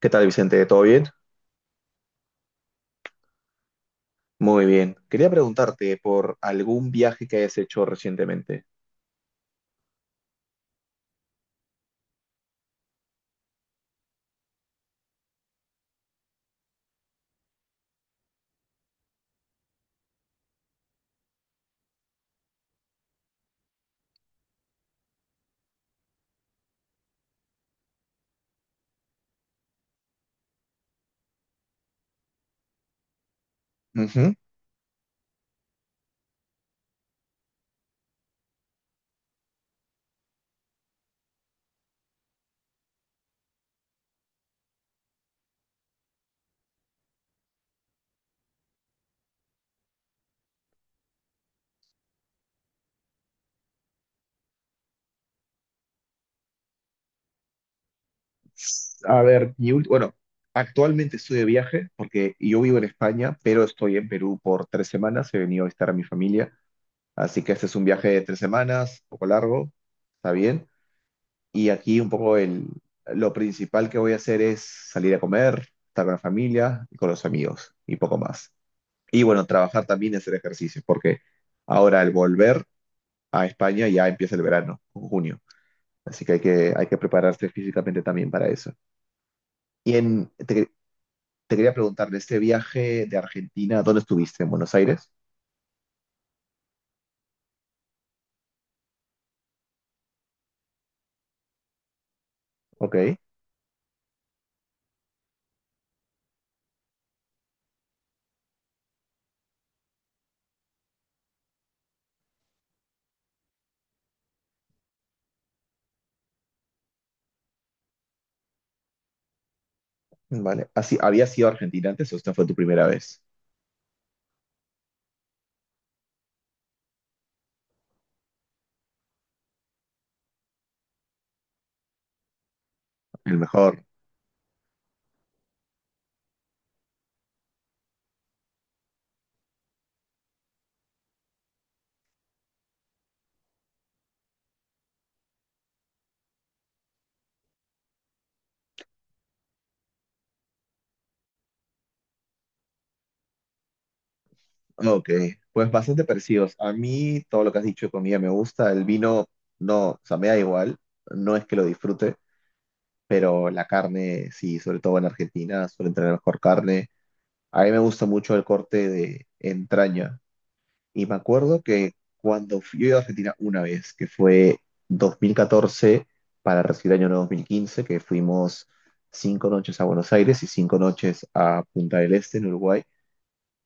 ¿Qué tal, Vicente? ¿Todo bien? Muy bien. Quería preguntarte por algún viaje que hayas hecho recientemente. Ujú. A ver, bueno, actualmente estoy de viaje porque yo vivo en España, pero estoy en Perú por 3 semanas. He venido a visitar a mi familia, así que este es un viaje de 3 semanas, un poco largo, está bien. Y aquí un poco lo principal que voy a hacer es salir a comer, estar con la familia y con los amigos y poco más. Y bueno, trabajar también y hacer ejercicio, porque ahora al volver a España ya empieza el verano, en junio. Así que hay que prepararse físicamente también para eso. Y en, te, Te quería preguntar, de este viaje de Argentina, ¿dónde estuviste? ¿En Buenos Aires? Ok, vale. Así, ¿habías ido a Argentina antes o esta fue tu primera vez? El mejor. Ok, pues bastante parecidos. A mí todo lo que has dicho de comida me gusta. El vino, no, o sea, me da igual. No es que lo disfrute, pero la carne, sí, sobre todo en Argentina, suelen tener mejor carne. A mí me gusta mucho el corte de entraña. Y me acuerdo que cuando fui, yo he ido a Argentina una vez, que fue 2014 para recibir el año nuevo 2015, que fuimos 5 noches a Buenos Aires y 5 noches a Punta del Este, en Uruguay.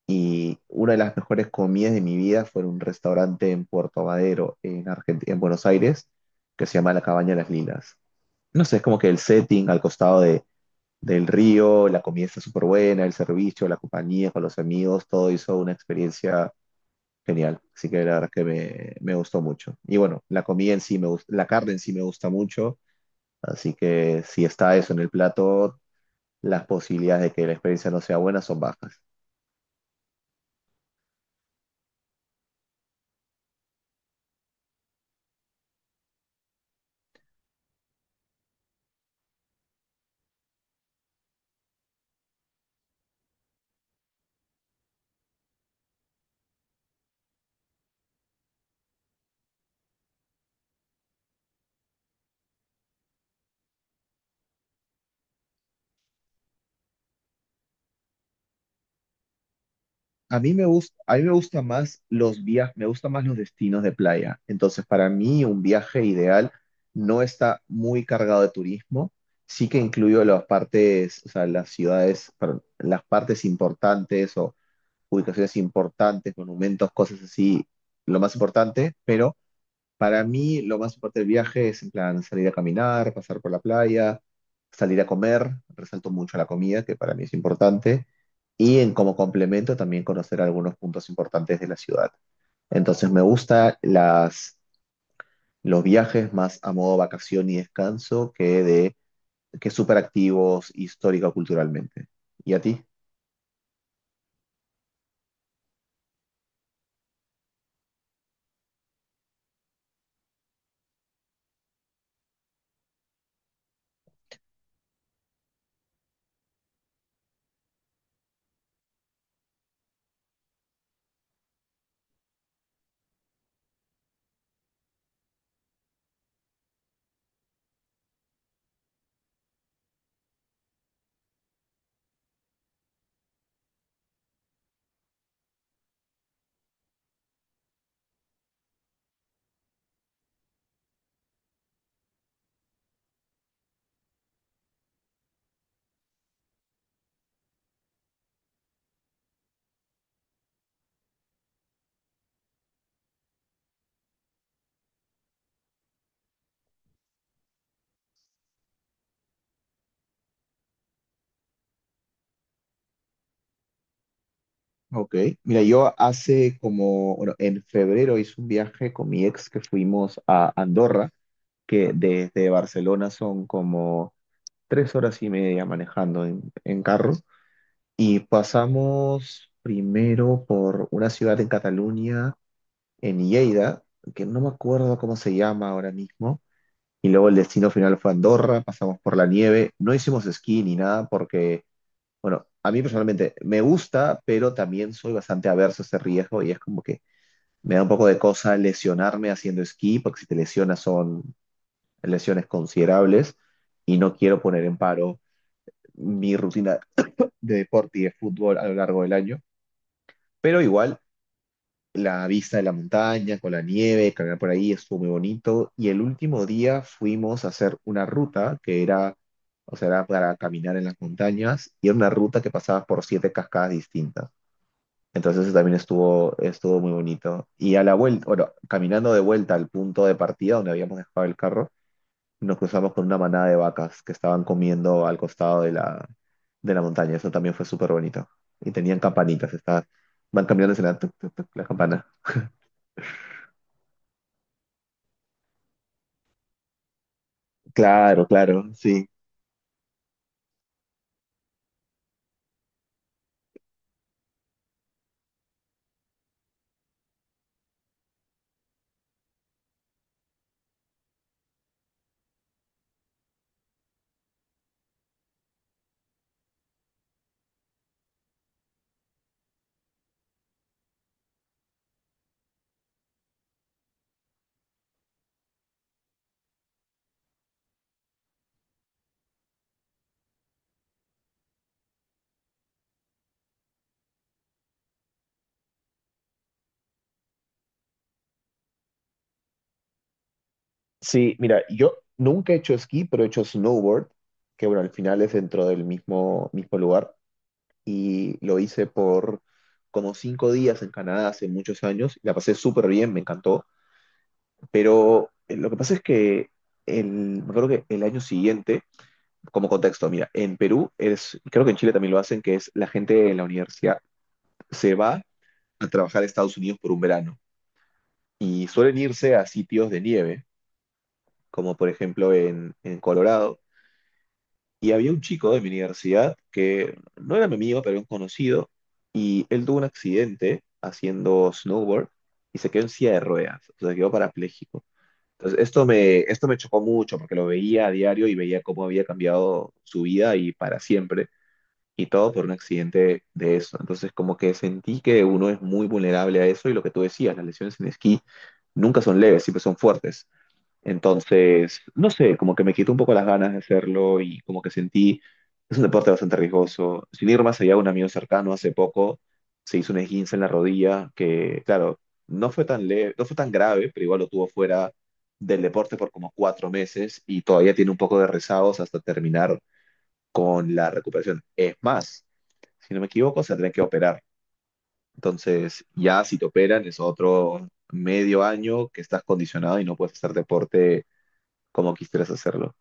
Y una de las mejores comidas de mi vida fue en un restaurante en Puerto Madero, en Argentina, en Buenos Aires, que se llama La Cabaña de las Lilas. No sé, es como que el setting al costado del río, la comida está súper buena, el servicio, la compañía con los amigos, todo hizo una experiencia genial, así que la verdad que me gustó mucho. Y bueno, la comida en sí me gusta, la carne en sí me gusta mucho, así que si está eso en el plato, las posibilidades de que la experiencia no sea buena son bajas. A mí me gusta, a mí me gusta más los viajes, me gustan más los destinos de playa. Entonces, para mí un viaje ideal no está muy cargado de turismo, sí que incluyo las partes, o sea, las ciudades, perdón, las partes importantes o ubicaciones importantes, monumentos, cosas así, lo más importante, pero para mí lo más importante del viaje es en plan salir a caminar, pasar por la playa, salir a comer, resalto mucho la comida, que para mí es importante, y en como complemento también conocer algunos puntos importantes de la ciudad. Entonces me gusta los viajes más a modo vacación y descanso que de que súper activos histórico culturalmente. ¿Y a ti? Ok, mira, yo hace como, bueno, en febrero hice un viaje con mi ex que fuimos a Andorra, que desde Barcelona son como tres horas y media manejando en carro. Y pasamos primero por una ciudad en Cataluña, en Lleida, que no me acuerdo cómo se llama ahora mismo. Y luego el destino final fue Andorra, pasamos por la nieve, no hicimos esquí ni nada porque bueno, a mí personalmente me gusta, pero también soy bastante averso a ese riesgo y es como que me da un poco de cosa lesionarme haciendo esquí, porque si te lesionas son lesiones considerables y no quiero poner en paro mi rutina de deporte y de fútbol a lo largo del año. Pero igual, la vista de la montaña con la nieve, caminar por ahí estuvo muy bonito y el último día fuimos a hacer una ruta que era, o sea, era para caminar en las montañas y era una ruta que pasaba por 7 cascadas distintas. Entonces eso también estuvo muy bonito. Y a la vuelta, bueno, caminando de vuelta al punto de partida donde habíamos dejado el carro, nos cruzamos con una manada de vacas que estaban comiendo al costado de de la montaña. Eso también fue súper bonito. Y tenían campanitas, estaban, van cambiando la, tuc, tuc, tuc, la campana. Claro, claro, sí. Sí, mira, yo nunca he hecho esquí, pero he hecho snowboard, que bueno, al final es dentro del mismo lugar. Y lo hice por como 5 días en Canadá hace muchos años. La pasé súper bien, me encantó. Pero lo que pasa es que me acuerdo que el año siguiente, como contexto, mira, en Perú es, creo que en Chile también lo hacen, que es la gente en la universidad se va a trabajar a Estados Unidos por un verano y suelen irse a sitios de nieve, como por ejemplo en Colorado. Y había un chico de mi universidad que no era mi amigo, pero era un conocido, y él tuvo un accidente haciendo snowboard y se quedó en silla de ruedas, o sea, quedó parapléjico. Entonces, esto me chocó mucho porque lo veía a diario y veía cómo había cambiado su vida y para siempre, y todo por un accidente de eso. Entonces, como que sentí que uno es muy vulnerable a eso y lo que tú decías, las lesiones en esquí nunca son leves, siempre son fuertes. Entonces, no sé, como que me quitó un poco las ganas de hacerlo y como que sentí, es un deporte bastante riesgoso. Sin ir más allá, un amigo cercano hace poco se hizo un esguince en la rodilla que, claro, no fue tan leve, no fue tan grave, pero igual lo tuvo fuera del deporte por como 4 meses y todavía tiene un poco de rezagos hasta terminar con la recuperación. Es más, si no me equivoco, se tendrá que operar. Entonces, ya si te operan es otro medio año que estás condicionado y no puedes hacer deporte como quisieras hacerlo.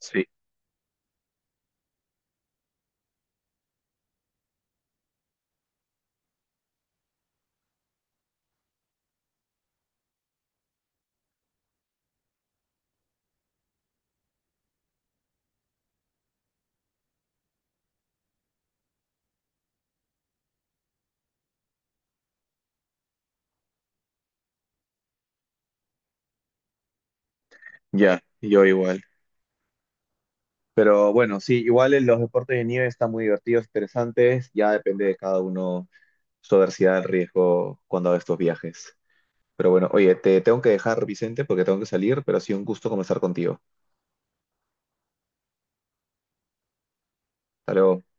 Sí, ya, yo igual. Pero bueno, sí, igual en los deportes de nieve están muy divertidos, interesantes, ya depende de cada uno su adversidad al riesgo cuando haga estos viajes. Pero bueno, oye, te tengo que dejar, Vicente, porque tengo que salir, pero ha sido un gusto conversar contigo. Hasta luego.